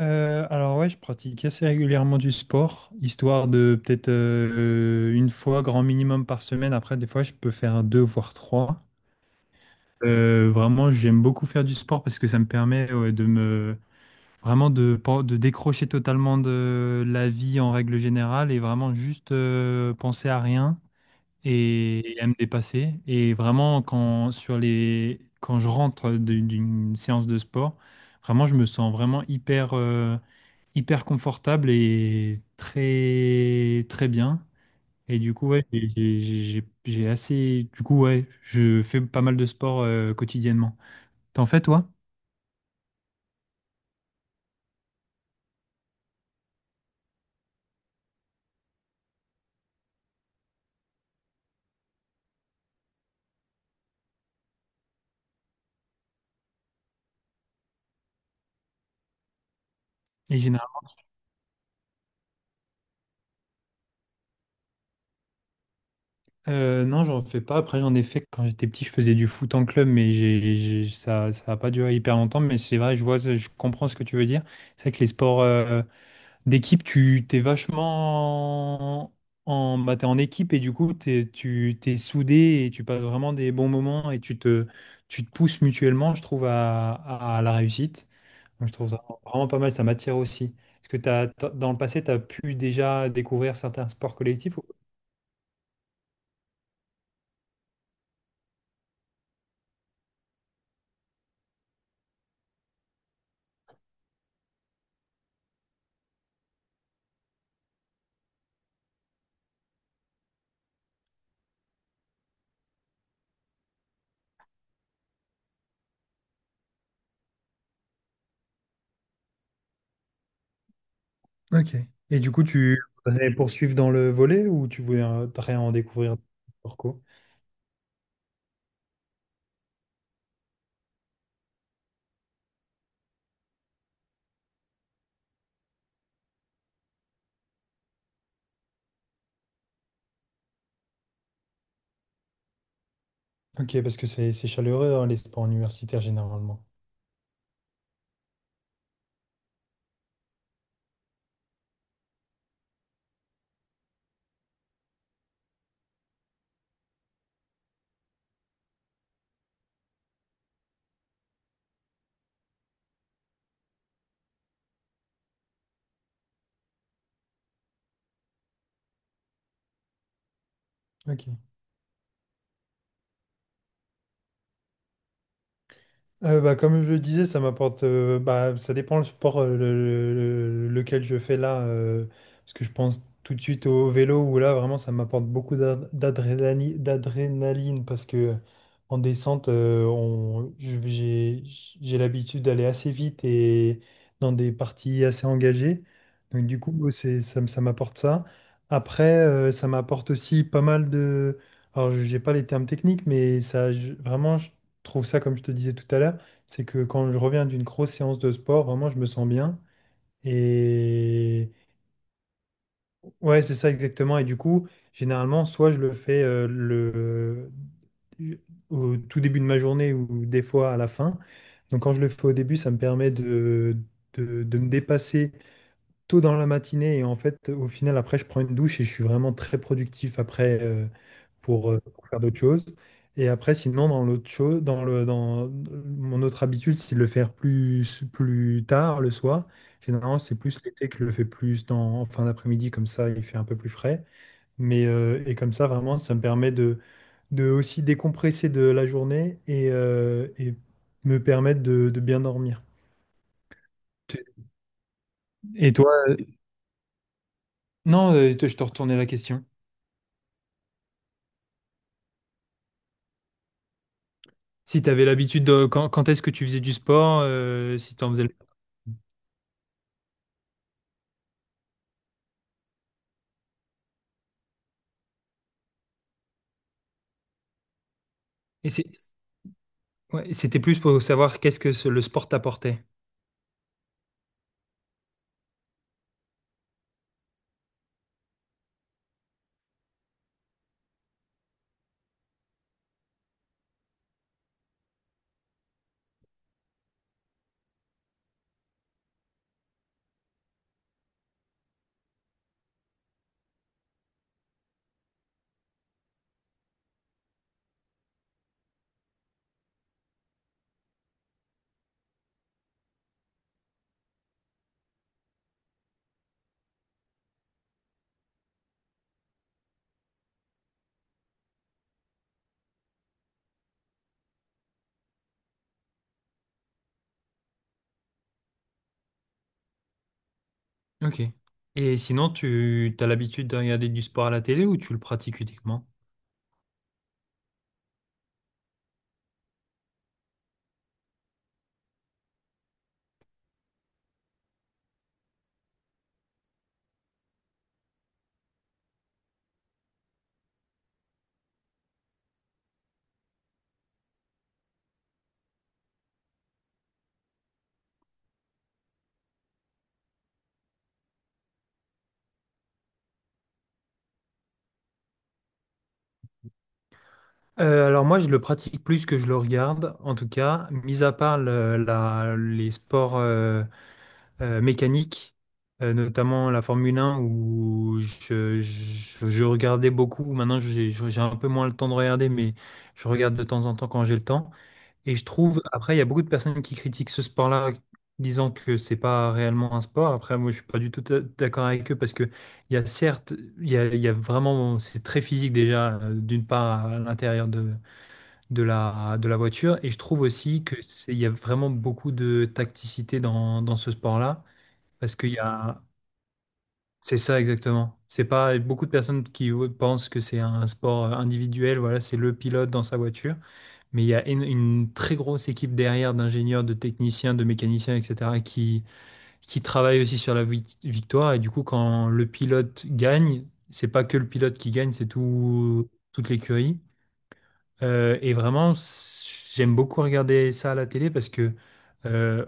Alors ouais, je pratique assez régulièrement du sport, histoire de peut-être une fois grand minimum par semaine. Après, des fois, je peux faire deux voire trois. Vraiment, j'aime beaucoup faire du sport parce que ça me permet ouais, de me vraiment de, pen- de décrocher totalement de la vie en règle générale et vraiment juste penser à rien et à me dépasser. Et vraiment, quand je rentre d'une séance de sport, vraiment, je me sens vraiment hyper, hyper confortable et très, très bien. Et du coup, ouais, j'ai assez. Du coup, ouais, je fais pas mal de sport quotidiennement. T'en fais, toi? Et non, j'en fais pas. Après, j'en ai fait quand j'étais petit, je faisais du foot en club, mais ça, ça a pas duré hyper longtemps. Mais c'est vrai, je vois, je comprends ce que tu veux dire. C'est vrai que les sports d'équipe, tu t'es vachement en, bah, t'es en équipe et du coup, tu t'es soudé et tu passes vraiment des bons moments et tu te pousses mutuellement, je trouve, à la réussite. Donc, je trouve ça vraiment pas mal. Ça m'attire aussi. Est-ce que dans le passé, tu as pu déjà découvrir certains sports collectifs? Ok. Et du coup, tu voudrais poursuivre dans le volet ou tu voudrais en découvrir d'autres parcours? Ok, parce que c'est chaleureux, hein, les sports universitaires généralement. Ok. Bah, comme je le disais, ça m'apporte. Bah, ça dépend le sport lequel je fais là. Parce que je pense tout de suite au vélo où là, vraiment, ça m'apporte beaucoup d'adrénaline, d'adrénaline. Parce que en descente, j'ai l'habitude d'aller assez vite et dans des parties assez engagées. Donc, du coup, ça m'apporte ça. Après, ça m'apporte aussi pas mal de. Alors, j'ai pas les termes techniques, mais vraiment, je trouve ça, comme je te disais tout à l'heure, c'est que quand je reviens d'une grosse séance de sport, vraiment, je me sens bien. Et ouais, c'est ça exactement. Et du coup, généralement, soit je le fais le... au tout début de ma journée ou des fois à la fin. Donc quand je le fais au début, ça me permet de me dépasser tôt dans la matinée et en fait, au final, après, je prends une douche et je suis vraiment très productif après pour faire d'autres choses. Et après, sinon, dans l'autre chose, dans le, dans mon autre habitude, c'est de le faire plus tard le soir. Généralement, c'est plus l'été que je le fais en fin d'après-midi, comme ça, il fait un peu plus frais. Mais, et comme ça, vraiment, ça me permet de aussi décompresser de la journée et me permettre de bien dormir. Et toi, non, je te retournais la question. Si tu avais l'habitude de quand est-ce que tu faisais du sport, si tu en faisais le- Et c'est- ouais, c'était plus pour savoir qu'est-ce que ce- le sport t'apportait. Ok. Et sinon, tu as l'habitude de regarder du sport à la télé ou tu le pratiques uniquement? Alors moi, je le pratique plus que je le regarde, en tout cas, mis à part les sports mécanique, notamment la Formule 1 où je regardais beaucoup. Maintenant, j'ai un peu moins le temps de regarder, mais je regarde de temps en temps quand j'ai le temps. Et je trouve, après, il y a beaucoup de personnes qui critiquent ce sport-là, disant que c'est pas réellement un sport. Après, moi, je suis pas du tout d'accord avec eux parce que il y a certes, il y a vraiment, c'est très physique déjà, d'une part à l'intérieur de la voiture. Et je trouve aussi que c'est- il y a vraiment beaucoup de tacticité dans ce sport-là. Parce qu'il y a... C'est ça exactement. C'est pas beaucoup de personnes qui pensent que c'est un sport individuel, voilà, c'est le pilote dans sa voiture, mais il y a une très grosse équipe derrière d'ingénieurs, de techniciens, de mécaniciens, etc., qui travaillent aussi sur la victoire. Et du coup, quand le pilote gagne, c'est pas que le pilote qui gagne, toute l'écurie. Et vraiment, j'aime beaucoup regarder ça à la télé parce que euh,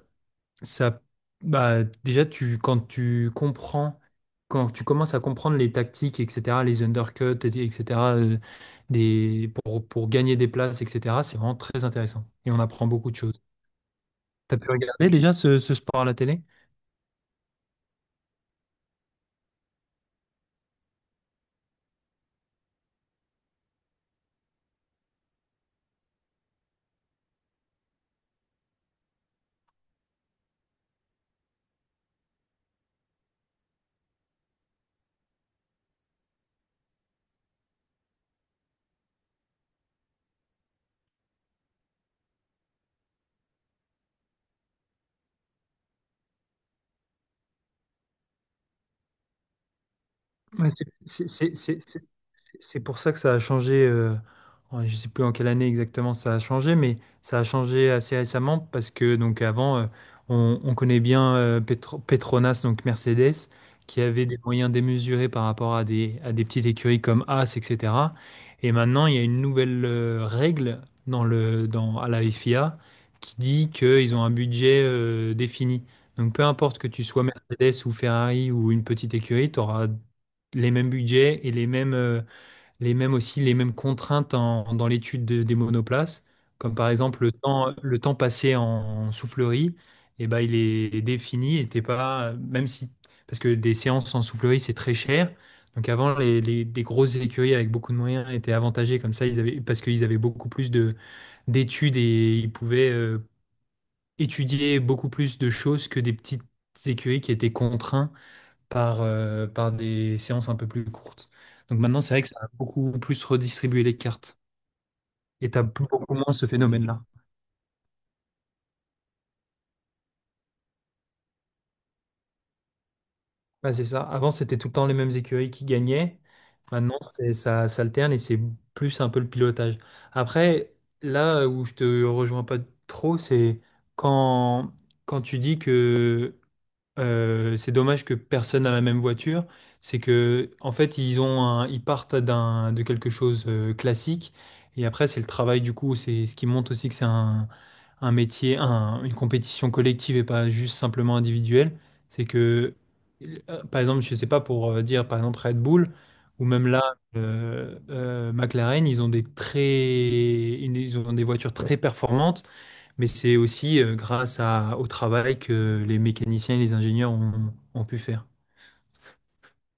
ça, bah, déjà, tu, quand tu comprends, quand tu commences à comprendre les tactiques, etc., les undercuts, etc., euh, pour gagner des places, etc., c'est vraiment très intéressant. Et on apprend beaucoup de choses. T'as pu regarder déjà ce sport à la télé? Ouais, c'est c'est- c'est- c'est- C'est pour ça que ça a changé, ouais, je sais plus en quelle année exactement ça a changé, mais ça a changé assez récemment parce que donc avant, on connaît bien Petronas, donc Mercedes, qui avait des moyens démesurés par rapport à à des petites écuries comme As, etc. Et maintenant, il y a une nouvelle règle à la FIA qui dit qu'ils ont un budget défini. Donc peu importe que tu sois Mercedes ou Ferrari ou une petite écurie, tu auras les mêmes budgets et les mêmes... les mêmes contraintes dans l'étude des monoplaces, comme par exemple le temps passé en soufflerie, et ben, il est défini et t'es pas, même si, parce que des séances en soufflerie, c'est très cher. Donc avant, des grosses écuries avec beaucoup de moyens étaient avantagées comme ça, ils avaient, parce qu'ils avaient beaucoup plus d'études et ils pouvaient étudier beaucoup plus de choses que des petites écuries qui étaient contraintes par, par des séances un peu plus courtes. Donc maintenant, c'est vrai que ça a beaucoup plus redistribué les cartes. Et t'as plus- beaucoup moins ce phénomène-là. Bah, c'est ça. Avant, c'était tout le temps les mêmes écuries qui gagnaient. Maintenant, c'est, ça s'alterne et c'est plus un peu le pilotage. Après, là où je te rejoins pas trop, c'est quand, quand tu dis que c'est dommage que personne n'a la même voiture. C'est que, en fait, ils ont ils partent d'un, de quelque chose classique. Et après, c'est le travail, du coup. C'est ce qui montre aussi que c'est un métier, une compétition collective et pas juste simplement individuelle. C'est que, par exemple, je sais pas pour dire, par exemple, Red Bull ou même là, McLaren, ils ont des très, ils ont des voitures très performantes mais c'est aussi grâce à- au travail que les mécaniciens et les ingénieurs ont pu faire.